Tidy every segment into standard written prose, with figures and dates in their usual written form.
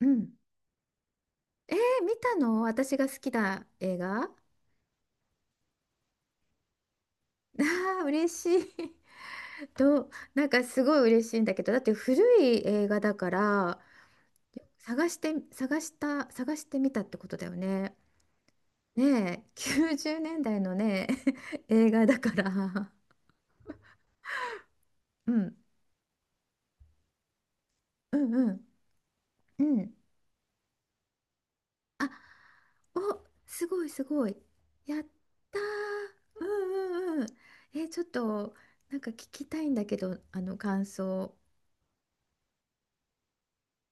うん。見たの私が好きな映画あ 嬉しい。と、なんかすごい嬉しいんだけど、だって古い映画だから、探してみたってことだよね。ねえ、90年代のね、映画だから。うん、うん、うん、うん。あ、お、すごい、すごい。やったー。うん、うん、うん。ちょっと、なんか聞きたいんだけど、あの感想。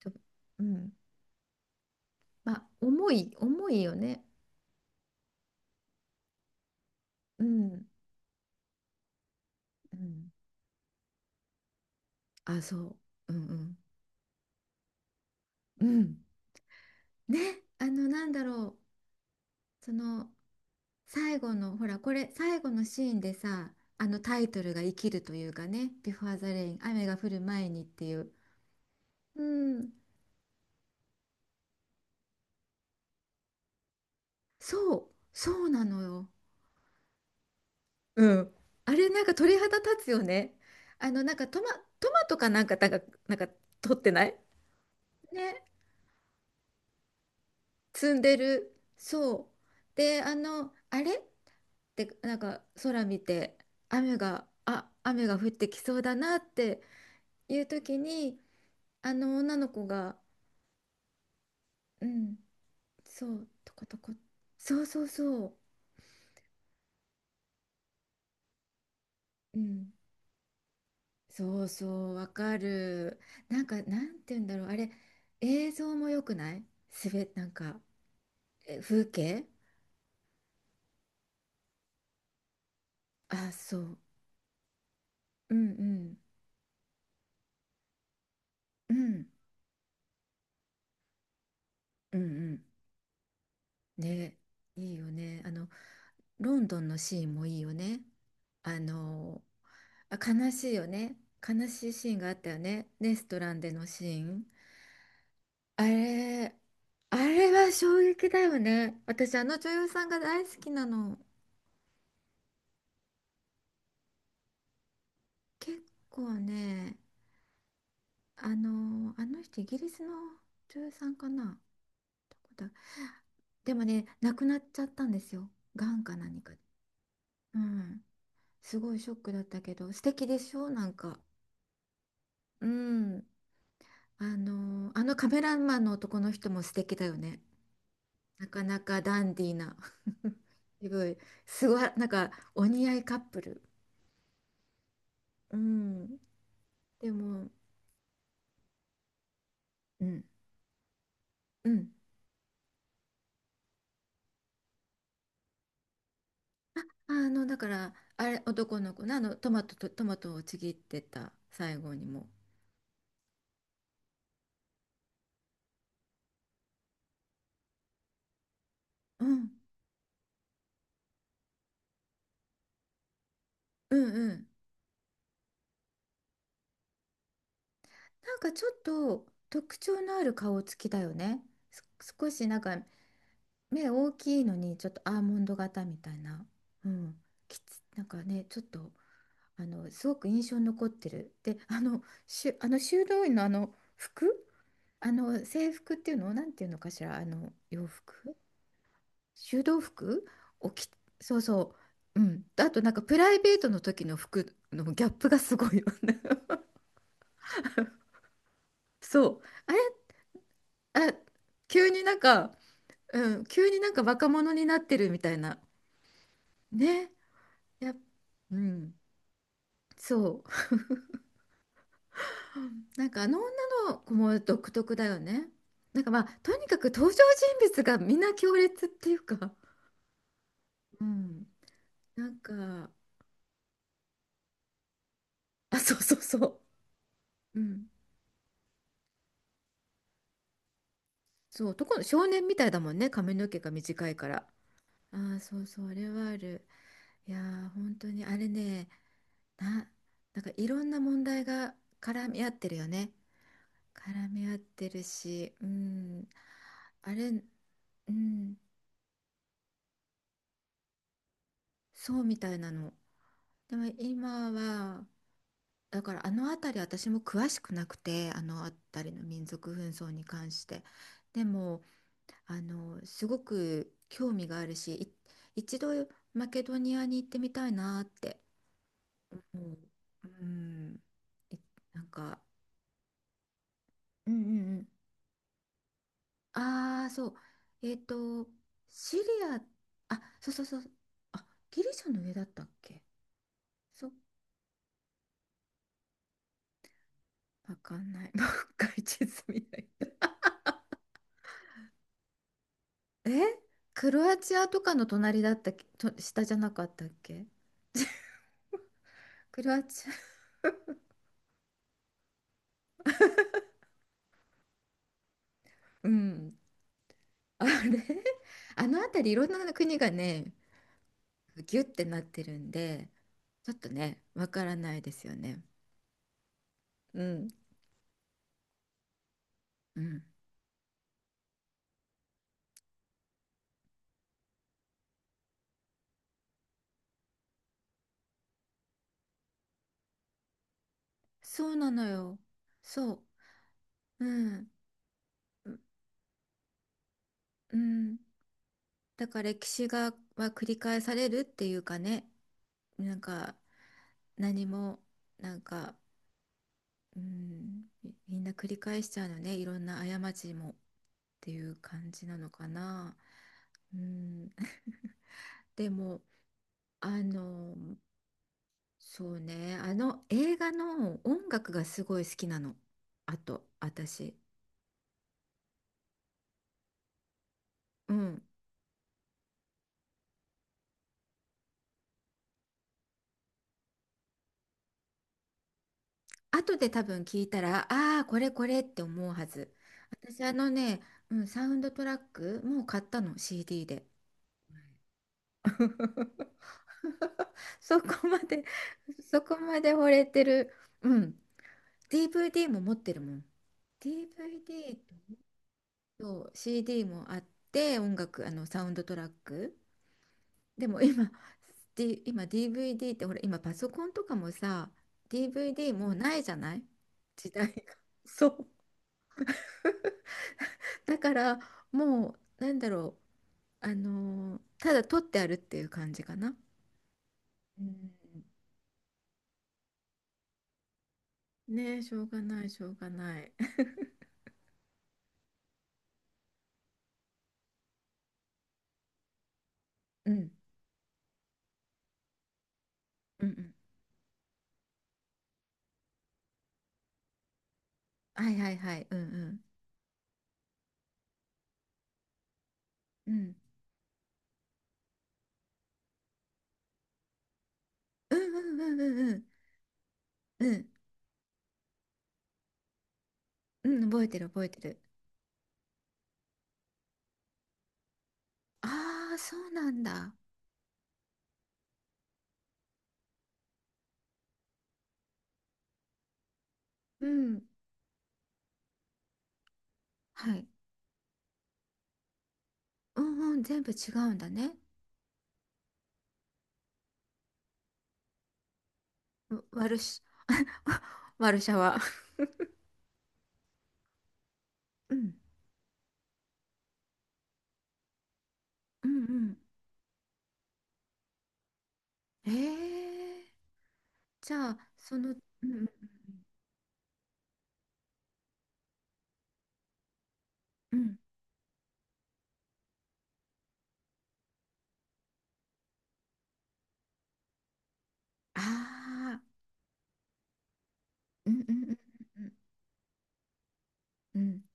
ちょうんまあ、重いよね。うん、うん。あ、そう。うんうん。うん。ね、あの、なんだろう。その、最後の、ほら、これ、最後のシーンでさ、あのタイトルが生きるというかね、ビフォーザレイン、雨が降る前にっていう。うん。そう、そうなのよ。うん。あれ、なんか鳥肌立つよね。あの、トマトかなんか、取ってないね、積んでる。そう。で、あの、あれでなんか空見て雨が降ってきそうだなっていう時にあの女の子が、うん、そう、トコトコ、そうそうそう、うん、そうそうわかる。なんかなんて言うんだろう、あれ映像も良くない、なんか、え、風景、あそう、うんうんうんうんうん、ね、いいよね。あの、ロンドンのシーンもいいよね。あの、あ、悲しいよね。悲しいシーンがあったよね。レストランでのシーン。あれ、あれは衝撃だよね。私、あの女優さんが大好きなの。結構ね、あの、あの人、イギリスの女優さんかな。どこだ、でもね、亡くなっちゃったんですよ。癌か何かで。うん。すごいショックだったけど、素敵でしょなんか。うん、あの、あのカメラマンの男の人も素敵だよね。なかなかダンディーな。すごい、すごい、なんかお似合いカップル。うん。でも、うん、うん。あの、だから、あれ、男の子の、あの、トマトと、トマトをちぎってた、最後にも。うん、うん、うん。なんかちょっと特徴のある顔つきだよね。す少しなんか目大きいのに、ちょっとアーモンド型みたいな。うん。なんかね、ちょっと。あのすごく印象に残ってる。で、あの修道院のあの服、あの制服っていうのをなんていうのかしら、あの洋服、修道服を着、そうそう、うん。あとなんかプライベートの時の服のギャップがすごいよね。そう、あれ、あ、急になんか、うん、急になんか若者になってるみたいな。ね、やっ、うん、そう。なんかあの女の子も独特だよね。なんかまあとにかく登場人物がみんな強烈っていうか、うん、なんか、あ、そうそうそう、うん、そう、男の少年みたいだもんね、髪の毛が短いから。あー、そうそう、あれはある。いやー、本当にあれね、な、なんかいろんな問題が絡み合ってるよね。絡み合ってるし、うん、あれ、うん、そうみたいなの。でも今は。だからあの辺り私も詳しくなくて、あの辺りの民族紛争に関して、でもあのすごく興味があるし、一度マケドニアに行ってみたいなって思う、うん、いなんか、うんうんうん、ああー、そう、えっと、シリアあ、そうそうそう、あ、ギリシャの上だったっけ、そう、わかんない もう一回地図見ない、え、クロアチアとかの隣だったっけ、と、下じゃなかったっけ、クロアチア、うん。あれ、あの辺りいろんな国がね、ギュッてなってるんで、ちょっとね、わからないですよね。うん。うん。そうなのよ。そう。うん。う、うん。だから歴史は繰り返されるっていうかね、なんか、何も、なんか、うん、みんな繰り返しちゃうのね、いろんな過ちもっていう感じなのかな。うん、でも、あの、そうね、あの映画の音楽がすごい好きなの。あと、私。うん。後で多分聞いたら、ああ、これこれって思うはず。私、あのね、うん、サウンドトラック、もう買ったの、CD で。そこまで、そこまで惚れてる。うん。DVD も持ってるもん。DVD と CD もあって、音楽あのサウンドトラック、でも今、今 DVD ってほら、今パソコンとかもさ、 DVD もうないじゃない、時代が そう、だからもうなんだろう、あのーただ撮ってあるっていう感じかな、うん、ねえ、しょうがないしょうがない。 うんうんうん、はいはいはい、うんうんうんうん、うんうんうんうん、うん、うん、覚えてる覚えてる。ああ、そうなんだ。うん。はい。うんうん、全部違うんだね。う、ワルシ、ワルシャワ うん。うんうん。ええ、じゃあ、その、うんうんうん。うん。ああ、うんうんうんうんうん。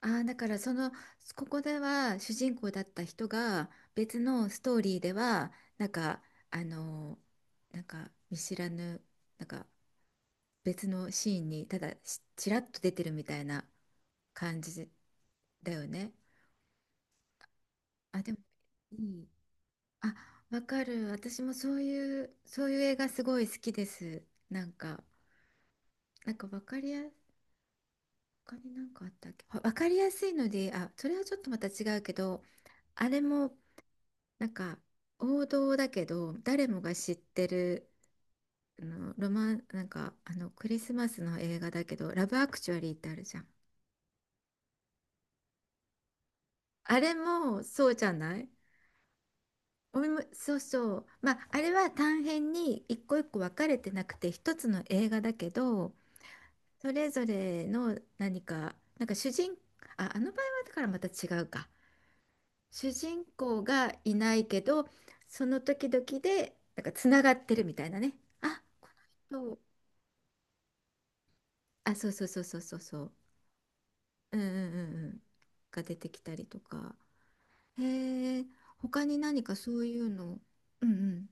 ああ、だからその、ここでは主人公だった人が別のストーリーでは、なんか、あの、なんか見知らぬ、なんか別のシーンにただしちらっと出てるみたいな感じだよね。あ、でもいい。あ、わかる。私もそういう、そういう映画すごい好きです。なんか、なんかわかりや、他になんかあったっけ？わかりやすいので、あ、それはちょっとまた違うけど、あれもなんか、王道だけど誰もが知ってるあのロマン、なんかあのクリスマスの映画だけど「ラブアクチュアリー」ってあるじゃん。あれもそうじゃない、おみもそうそう、まああれは短編に一個一個分かれてなくて一つの映画だけど、それぞれの何かなんか主人あ、あの場合はだからまた違うか、主人公がいないけど、その時々でなんかつながってるみたいなね。あ、この人、あ、そうそうそうそうそうそう。うんうんうんうん。が出てきたりとか。へえ、他に何かそういうの。うんう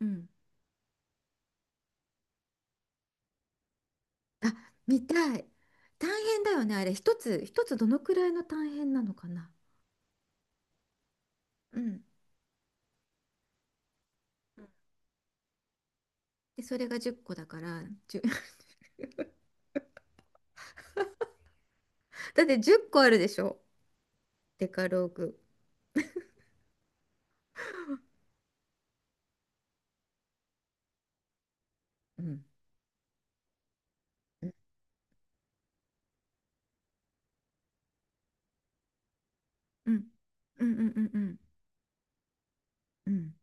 んうん。あ、見たい。大変だよね、あれ。一つどのくらいの大変なのかな。うん。で、それが10個だから、1 だって10個あるでしょ。デカローグ。うん。うんうんうんうんうんうんうん、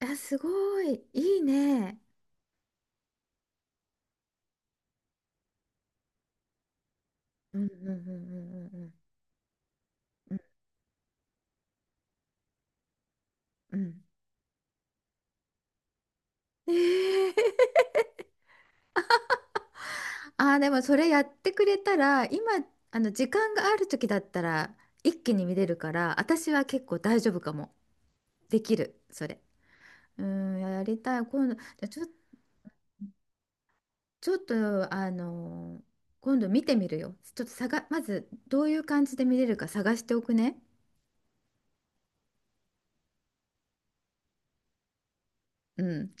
あ、すごい。いいね。うんうんうんうんうんうんうん。うん、えー、ああ、でもそれやってくれたら、今、あの、時間がある時だったら、一気に見れるから、私は結構大丈夫かも。できる、それ。うん、やりたい。今度、じゃあちょ、ちょっと、あの、今度見てみるよ。ちょっと探、まず、どういう感じで見れるか探しておくね。うん。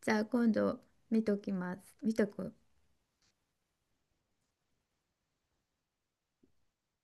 じゃあ、今度、見ときます。見とく。